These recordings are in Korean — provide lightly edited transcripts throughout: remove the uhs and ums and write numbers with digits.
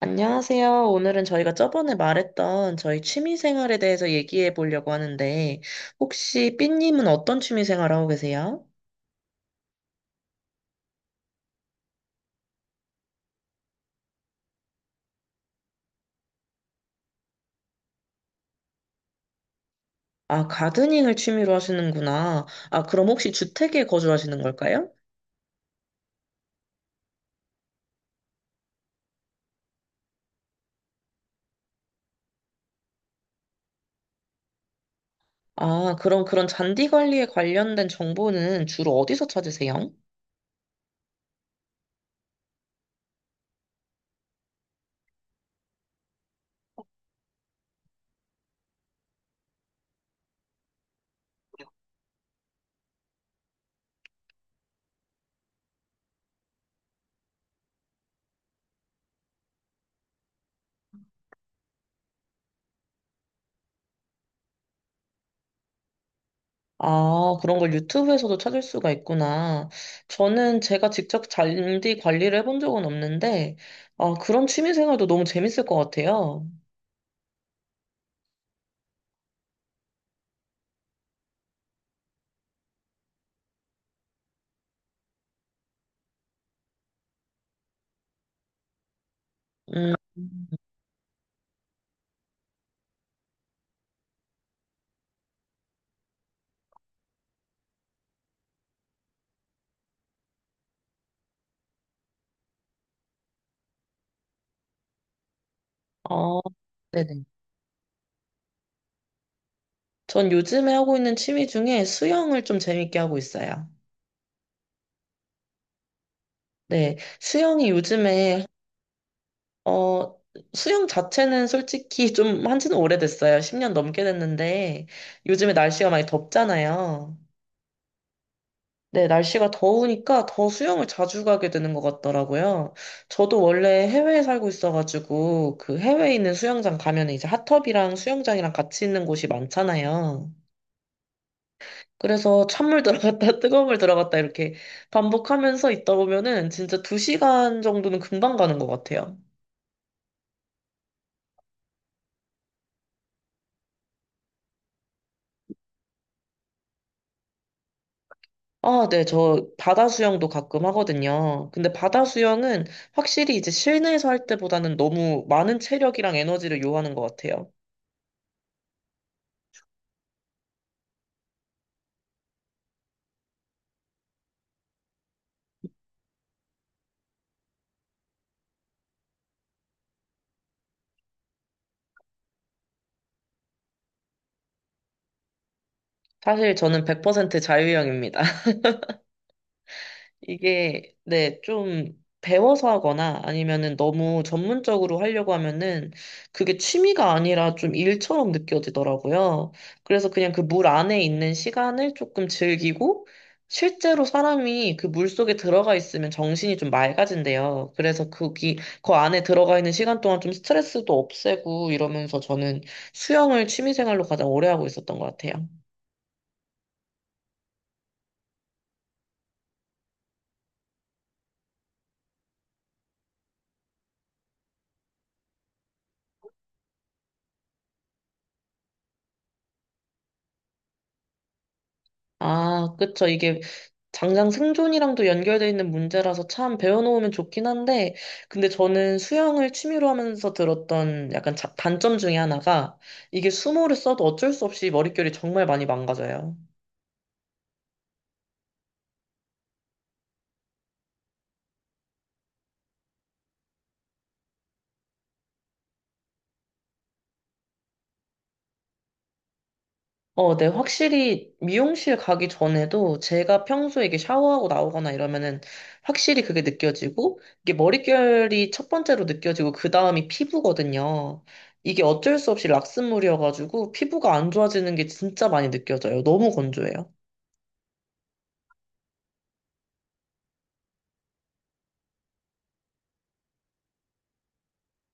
안녕하세요. 오늘은 저희가 저번에 말했던 저희 취미 생활에 대해서 얘기해 보려고 하는데, 혹시 삐님은 어떤 취미 생활 하고 계세요? 아, 가드닝을 취미로 하시는구나. 아, 그럼 혹시 주택에 거주하시는 걸까요? 아, 그럼 그런 잔디 관리에 관련된 정보는 주로 어디서 찾으세요? 아, 그런 걸 유튜브에서도 찾을 수가 있구나. 저는 제가 직접 잔디 관리를 해본 적은 없는데, 아, 그런 취미 생활도 너무 재밌을 것 같아요. 음, 아, 네네. 전 요즘에 하고 있는 취미 중에 수영을 좀 재밌게 하고 있어요. 네, 수영이 요즘에, 어, 수영 자체는 솔직히 좀 한지는 오래됐어요. 10년 넘게 됐는데, 요즘에 날씨가 많이 덥잖아요. 네, 날씨가 더우니까 더 수영을 자주 가게 되는 것 같더라고요. 저도 원래 해외에 살고 있어가지고, 그 해외에 있는 수영장 가면 이제 핫tub이랑 수영장이랑 같이 있는 곳이 많잖아요. 그래서 찬물 들어갔다 뜨거운 물 들어갔다 이렇게 반복하면서 있다 보면은 진짜 두 시간 정도는 금방 가는 것 같아요. 아, 네, 저 바다 수영도 가끔 하거든요. 근데 바다 수영은 확실히 이제 실내에서 할 때보다는 너무 많은 체력이랑 에너지를 요하는 것 같아요. 사실 저는 100% 자유형입니다. 이게 네, 좀 배워서 하거나 아니면은 너무 전문적으로 하려고 하면은 그게 취미가 아니라 좀 일처럼 느껴지더라고요. 그래서 그냥 그 물 안에 있는 시간을 조금 즐기고 실제로 사람이 그 물 속에 들어가 있으면 정신이 좀 맑아진대요. 그래서 거기 그 안에 들어가 있는 시간 동안 좀 스트레스도 없애고 이러면서 저는 수영을 취미 생활로 가장 오래 하고 있었던 것 같아요. 아, 그쵸. 이게 당장 생존이랑도 연결되어 있는 문제라서 참 배워놓으면 좋긴 한데, 근데 저는 수영을 취미로 하면서 들었던 약간 단점 중에 하나가 이게 수모를 써도 어쩔 수 없이 머릿결이 정말 많이 망가져요. 어, 네, 확실히 미용실 가기 전에도 제가 평소에 이게 샤워하고 나오거나 이러면은 확실히 그게 느껴지고 이게 머릿결이 첫 번째로 느껴지고 그 다음이 피부거든요. 이게 어쩔 수 없이 락스물이어가지고 피부가 안 좋아지는 게 진짜 많이 느껴져요. 너무 건조해요.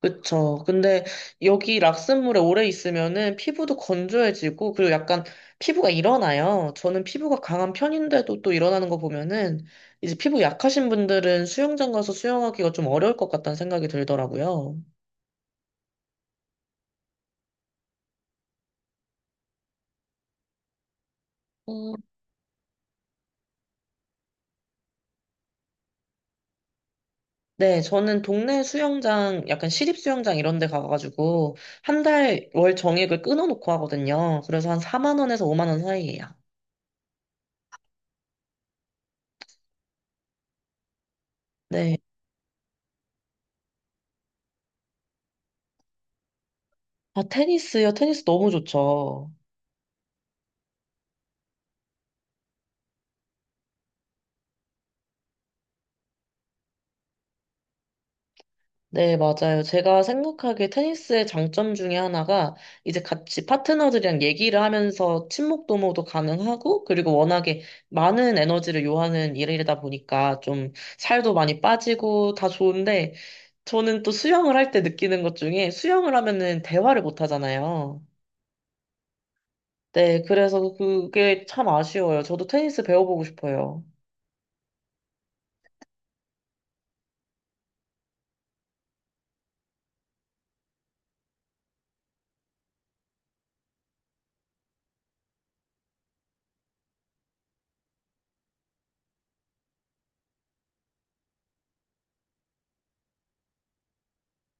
그쵸. 근데 여기 락슨물에 오래 있으면은 피부도 건조해지고, 그리고 약간 피부가 일어나요. 저는 피부가 강한 편인데도 또 일어나는 거 보면은, 이제 피부 약하신 분들은 수영장 가서 수영하기가 좀 어려울 것 같다는 생각이 들더라고요. 음, 네, 저는 동네 수영장, 약간 시립 수영장 이런 데 가가지고, 한 달 월 정액을 끊어놓고 하거든요. 그래서 한 4만 원에서 5만 원 사이예요. 네. 아, 테니스요. 테니스 너무 좋죠. 네, 맞아요. 제가 생각하기에 테니스의 장점 중에 하나가 이제 같이 파트너들이랑 얘기를 하면서 친목 도모도 가능하고 그리고 워낙에 많은 에너지를 요하는 일이다 보니까 좀 살도 많이 빠지고 다 좋은데 저는 또 수영을 할 때 느끼는 것 중에 수영을 하면은 대화를 못 하잖아요. 네, 그래서 그게 참 아쉬워요. 저도 테니스 배워보고 싶어요.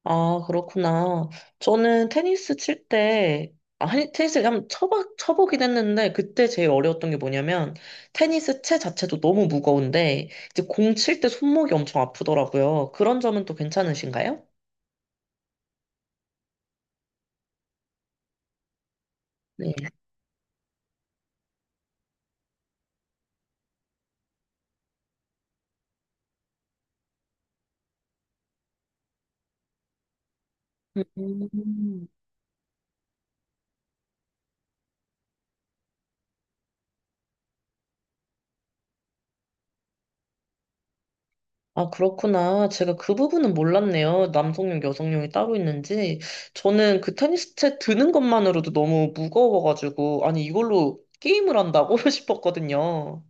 아, 그렇구나. 저는 테니스 칠 때, 아, 테니스를 한번 쳐보긴 했는데, 그때 제일 어려웠던 게 뭐냐면, 테니스 채 자체도 너무 무거운데, 이제 공 칠 때 손목이 엄청 아프더라고요. 그런 점은 또 괜찮으신가요? 네. 음. 아, 그렇구나. 제가 그 부분은 몰랐네요. 남성용, 여성용이 따로 있는지. 저는 그 테니스 채 드는 것만으로도 너무 무거워가지고, 아니, 이걸로 게임을 한다고 싶었거든요.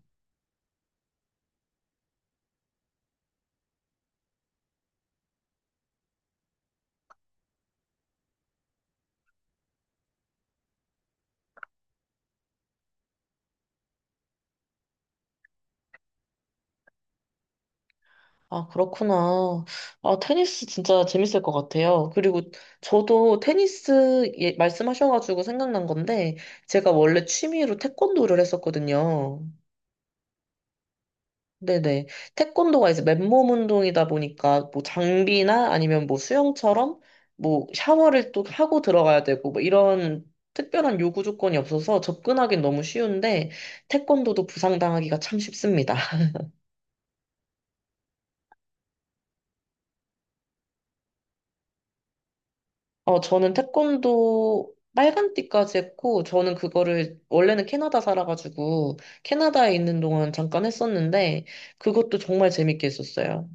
아, 그렇구나. 아, 테니스 진짜 재밌을 것 같아요. 그리고 저도 테니스 말씀하셔가지고 생각난 건데, 제가 원래 취미로 태권도를 했었거든요. 네네. 태권도가 이제 맨몸 운동이다 보니까, 뭐 장비나 아니면 뭐 수영처럼, 뭐 샤워를 또 하고 들어가야 되고, 뭐 이런 특별한 요구 조건이 없어서 접근하기는 너무 쉬운데, 태권도도 부상당하기가 참 쉽습니다. 어, 저는 태권도 빨간띠까지 했고, 저는 그거를, 원래는 캐나다 살아가지고, 캐나다에 있는 동안 잠깐 했었는데, 그것도 정말 재밌게 했었어요.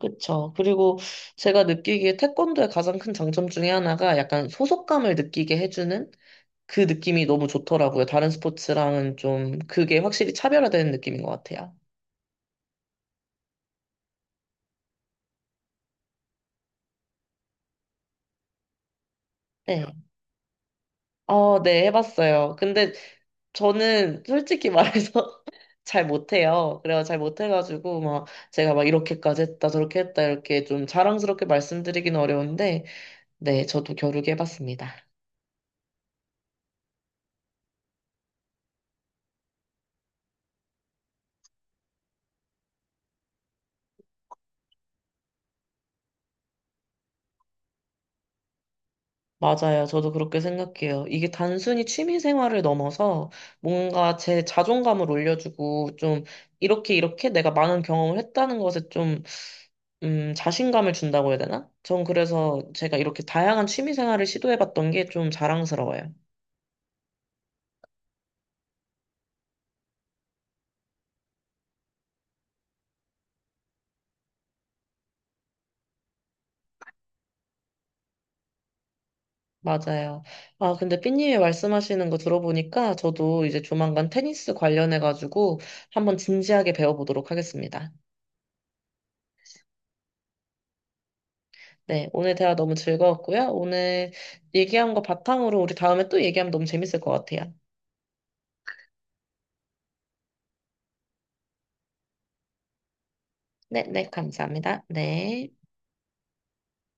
그쵸. 그리고 제가 느끼기에 태권도의 가장 큰 장점 중에 하나가 약간 소속감을 느끼게 해주는 그 느낌이 너무 좋더라고요. 다른 스포츠랑은 좀 그게 확실히 차별화되는 느낌인 것 같아요. 네. 어, 네, 해봤어요. 근데 저는 솔직히 말해서 잘 못해요. 그래서 잘 못해가지고 막 제가 막 이렇게까지 했다 저렇게 했다 이렇게 좀 자랑스럽게 말씀드리기는 어려운데 네 저도 겨루기 해봤습니다. 맞아요. 저도 그렇게 생각해요. 이게 단순히 취미 생활을 넘어서 뭔가 제 자존감을 올려주고 좀 이렇게 이렇게 내가 많은 경험을 했다는 것에 좀 자신감을 준다고 해야 되나? 전 그래서 제가 이렇게 다양한 취미 생활을 시도해봤던 게 좀 자랑스러워요. 맞아요. 아, 근데 삐님이 말씀하시는 거 들어보니까 저도 이제 조만간 테니스 관련해가지고 한번 진지하게 배워보도록 하겠습니다. 네, 오늘 대화 너무 즐거웠고요. 오늘 얘기한 거 바탕으로 우리 다음에 또 얘기하면 너무 재밌을 것 같아요. 네, 네, 감사합니다. 네.